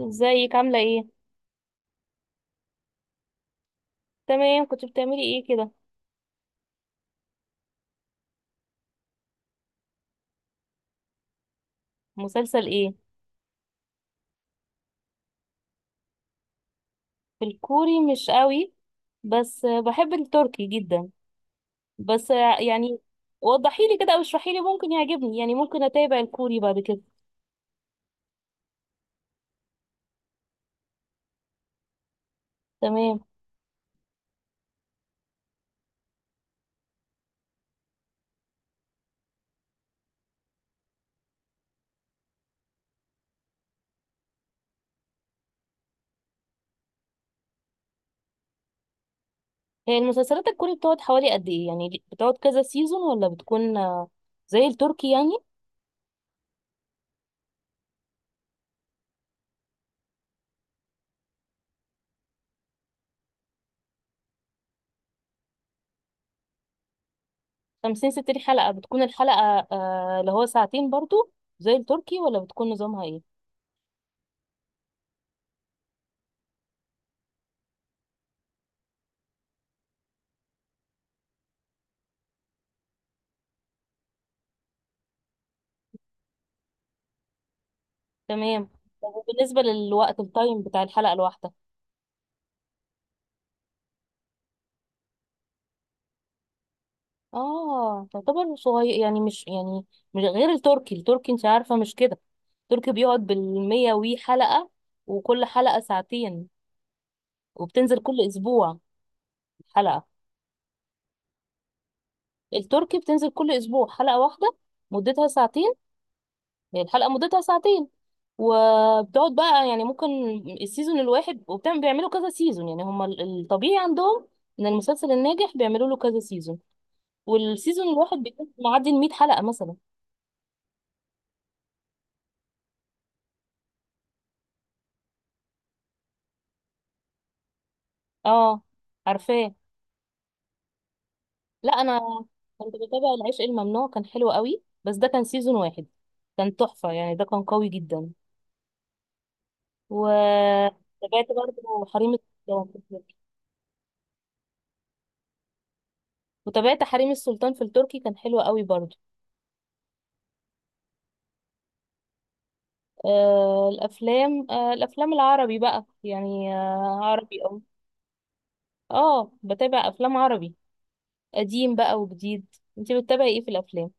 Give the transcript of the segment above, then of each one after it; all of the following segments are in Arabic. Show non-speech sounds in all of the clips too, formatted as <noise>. ازيك عاملة ايه؟ تمام، كنت بتعملي ايه كده؟ مسلسل ايه؟ في الكوري مش قوي، بس بحب التركي جدا. بس يعني وضحيلي كده او اشرحيلي، ممكن يعجبني يعني ممكن اتابع الكوري بعد كده. تمام. هي المسلسلات الكوري بتقعد حوالي قد ايه؟ يعني بتقعد كذا سيزون ولا بتكون زي التركي يعني؟ 50 60 حلقة؟ بتكون الحلقة اللي هو ساعتين برضو زي التركي، ولا بتكون نظامها ايه؟ تمام. طب وبالنسبة للوقت، التايم بتاع الحلقة الواحدة؟ اه تعتبر صغير يعني، مش يعني مش غير التركي. التركي انت عارفة مش كده، التركي بيقعد بالمية وي حلقة، وكل حلقة ساعتين، وبتنزل كل أسبوع حلقة. التركي بتنزل كل أسبوع حلقة واحدة مدتها ساعتين. هي الحلقة مدتها ساعتين، وبتقعد بقى يعني ممكن السيزون الواحد، وبتعمل بيعملوا كذا سيزون. يعني هما الطبيعي عندهم ان المسلسل الناجح بيعملوا له كذا سيزون، والسيزون الواحد بيكون معدي ال 100 حلقة مثلا. اه، عارفاه. لا، انا كنت بتابع العشق الممنوع، كان حلو قوي، بس ده كان سيزون واحد. كان تحفة يعني، ده كان قوي جدا. وتابعت برضه حريم السلطان في التركي. وتابعت حريم السلطان في التركي، كان حلو قوي برضه. الافلام، الافلام العربي بقى يعني، آه عربي اه. اه، بتابع افلام عربي قديم بقى وجديد. انتي بتتابعي ايه في الافلام؟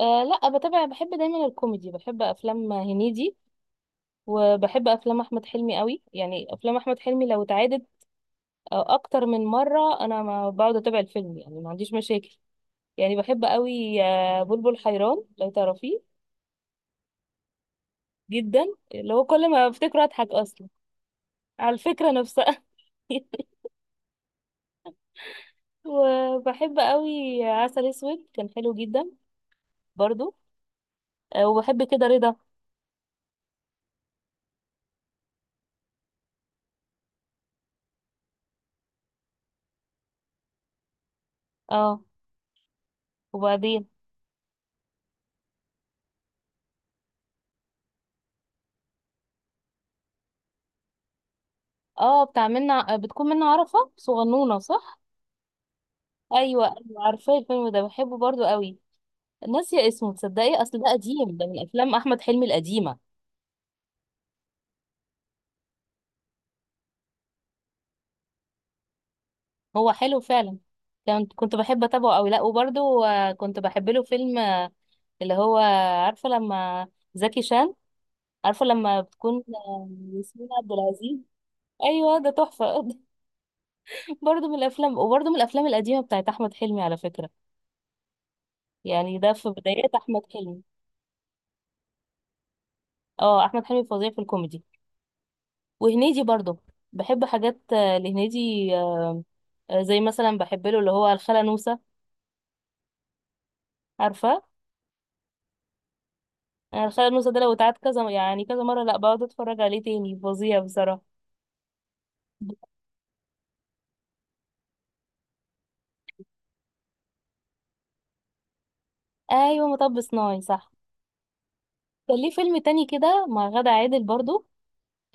آه لا، بتابع، بحب دايما الكوميدي، بحب افلام هنيدي، وبحب افلام احمد حلمي قوي. يعني افلام احمد حلمي لو اتعادت او اكتر من مره، انا ما بقعد اتابع الفيلم يعني، ما عنديش مشاكل. يعني بحب قوي بلبل حيران، لو تعرفيه. جدا، اللي هو كل ما افتكره اضحك اصلا على الفكره نفسها. <laughs> وبحب قوي عسل اسود، كان حلو جدا برضو. وبحب كده رضا. اه، وبعدين؟ اه، بتاع منا، بتكون منا، عرفه صغنونه صح. ايوه ايوه، عارفه الفيلم ده، بحبه برضو قوي. ناسيه اسمه تصدقي، اصل ده قديم، ده من افلام احمد حلمي القديمه. هو حلو فعلا. كنت بحب اتابعه قوي. لا وبرده كنت بحب له فيلم اللي هو، عارفه لما، زكي شان، عارفه لما بتكون ياسمين عبد العزيز. ايوه ده تحفه. <laughs> برضه من الافلام، وبرضه من الافلام القديمه بتاعت احمد حلمي على فكره. يعني ده في بدايات احمد حلمي. اه، احمد حلمي فظيع في الكوميدي، وهنيدي برضه. بحب حاجات لهنيدي. زي مثلا بحب له اللي هو الخالة نوسة، عارفه. انا الخيال المسلسل ده لو اتعاد كذا، يعني كذا مره، لا بقعد اتفرج عليه تاني، فظيع بصراحه. ايوه، مطب صناعي، صح. كان ليه فيلم تاني كده مع غادة عادل برضو،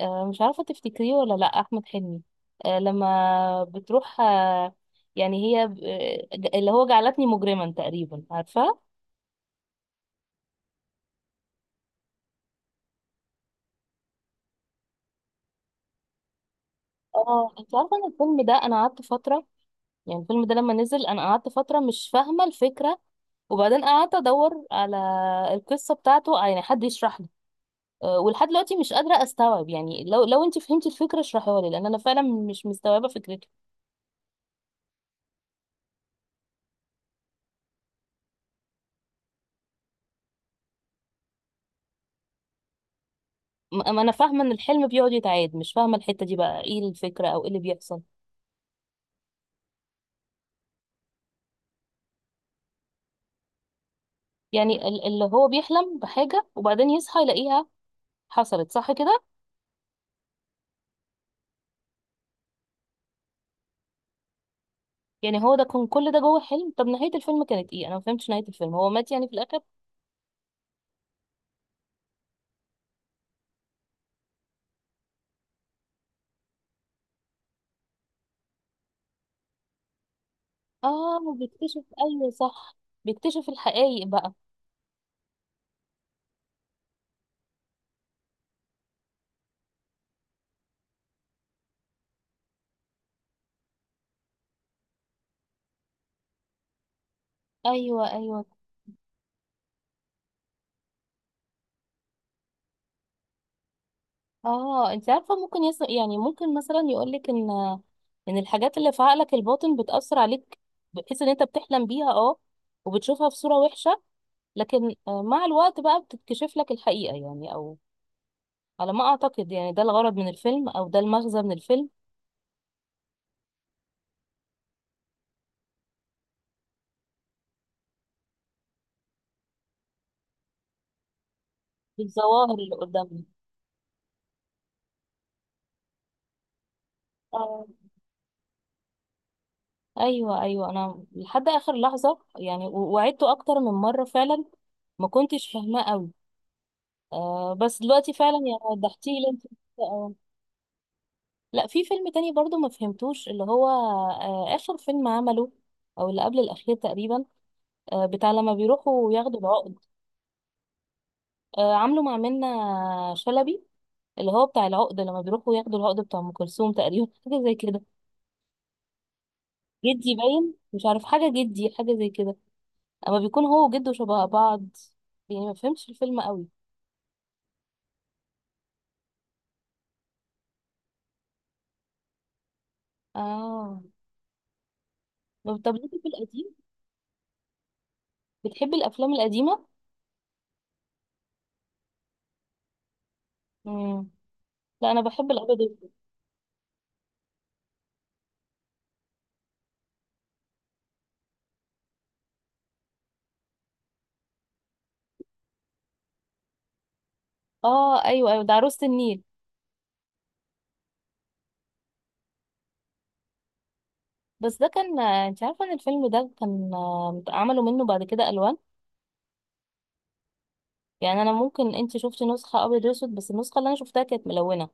آه مش عارفه تفتكريه ولا لا، احمد حلمي، آه لما بتروح آه، يعني هي اللي هو جعلتني مجرما تقريبا، عارفه. اه، انت عارفه ان الفيلم ده، انا قعدت فتره، يعني الفيلم ده لما نزل انا قعدت فتره مش فاهمه الفكره، وبعدين قعدت ادور على القصه بتاعته، يعني حد يشرح لي. ولحد دلوقتي مش قادرة استوعب يعني. لو انت فهمتي الفكرة اشرحيها لي، لان انا فعلا مش مستوعبة فكرته. اما انا فاهمة ان الحلم بيقعد يتعاد، مش فاهمة الحتة دي بقى ايه الفكرة، او ايه اللي بيحصل. يعني اللي هو بيحلم بحاجة وبعدين يصحى يلاقيها حصلت، صح كده؟ يعني هو ده كان كل ده جوه حلم؟ طب نهاية الفيلم كانت ايه؟ انا ما فهمتش نهاية الفيلم، هو مات يعني في الاخر؟ اه بيكتشف، ايوه صح. بيكتشف الحقائق بقى. ايوه ايوه. اه، انت عارفه ممكن يعني ممكن مثلا يقولك ان، ان الحاجات اللي في عقلك الباطن بتاثر عليك، بحيث ان انت بتحلم بيها اه، وبتشوفها في صوره وحشه، لكن مع الوقت بقى بتتكشف لك الحقيقه يعني، او على ما اعتقد يعني ده الغرض من الفيلم، او ده المغزى من الفيلم. بالظواهر اللي قدامنا. اه، ايوه ايوه. انا لحد اخر لحظه يعني وعدته اكتر من مره فعلا، ما كنتش فاهماه قوي. آه بس دلوقتي فعلا يعني وضحتيه لي انت. لا، في فيلم تاني برضو ما فهمتوش، اللي هو آخر فيلم عمله، أو اللي قبل الأخير تقريبا، بتاع لما بيروحوا ياخدوا العقد، عامله مع منة شلبي، اللي هو بتاع العقد، لما بيروحوا ياخدوا العقد بتاع أم كلثوم تقريبا. <laughs> حاجة زي كده. جدي باين مش عارف حاجة، جدي حاجة زي كده، أما بيكون هو وجده شبه بعض. يعني ما فهمتش الفيلم قوي. اه. طب ليكي في القديم، بتحبي الأفلام القديمة؟ مم. لا أنا بحب الأبيض والأسود. اه أيوه أيوه، ده عروسة النيل. بس ده كان، انت عارفه ان الفيلم ده كان عملوا منه بعد كده الوان. يعني انا ممكن، انت شفتي نسخه ابيض واسود، بس النسخه اللي انا شفتها كانت ملونه،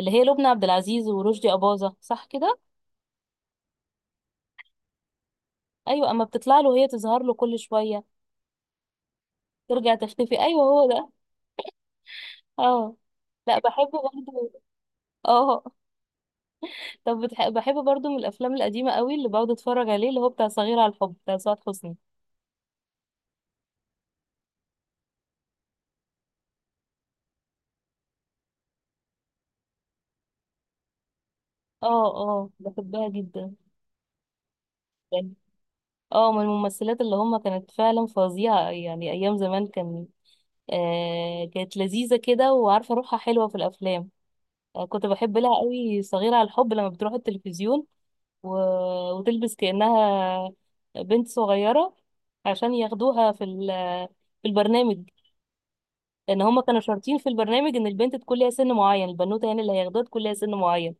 اللي هي لبنى عبد العزيز ورشدي اباظه، صح كده. ايوه، اما بتطلع له، هي تظهر له كل شويه ترجع تختفي، ايوه هو ده. اه. لا بحبه برضه. اه، طب بحبه برضه من الافلام القديمه قوي اللي بقعد اتفرج عليه، اللي هو بتاع صغير على الحب بتاع سعاد حسني. اه. اه، بحبها جدا. يعني اه، من الممثلات اللي هم كانت فعلا فظيعه يعني، ايام زمان كان كانت لذيذة كده، وعارفة روحها حلوة في الأفلام. كنت بحب لها قوي صغيرة على الحب، لما بتروح التلفزيون و... وتلبس كأنها بنت صغيرة، عشان ياخدوها في في البرنامج، لأن هما كانوا شرطين في البرنامج إن البنت تكون ليها سن معين، البنوتة يعني اللي هياخدوها تكون ليها سن معين.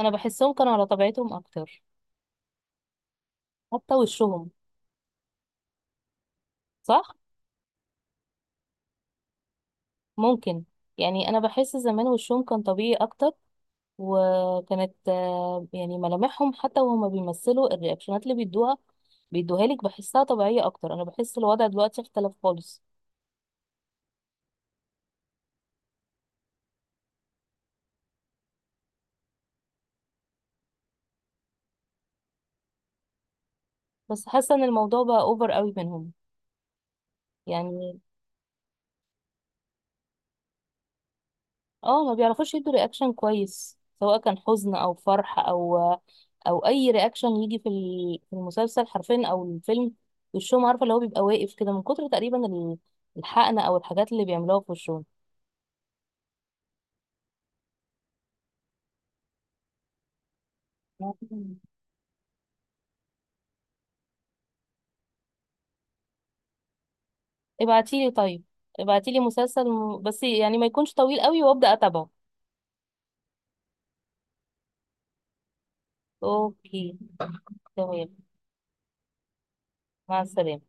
أنا بحسهم كانوا على طبيعتهم أكتر، حتى وشهم. صح؟ ممكن. يعني أنا بحس زمان وشهم كان طبيعي أكتر، وكانت يعني ملامحهم، حتى وهما بيمثلوا الرياكشنات اللي بيدوها لك، بحسها طبيعية أكتر. أنا بحس الوضع دلوقتي اختلف خالص. بس حاسة إن الموضوع بقى أوفر قوي منهم، يعني. اه، ما بيعرفوش يدوا رياكشن كويس سواء كان حزن أو فرح، أو أو أي رياكشن يجي في في المسلسل حرفيا أو الفيلم. وشهم عارفة، اللي هو بيبقى واقف كده من كتر تقريبا الحقنة أو الحاجات اللي بيعملوها في وشهم. ابعتيلي طيب، ابعتيلي مسلسل بس يعني ما يكونش طويل قوي وابدا اتابعه. اوكي، تمام. مع السلامه.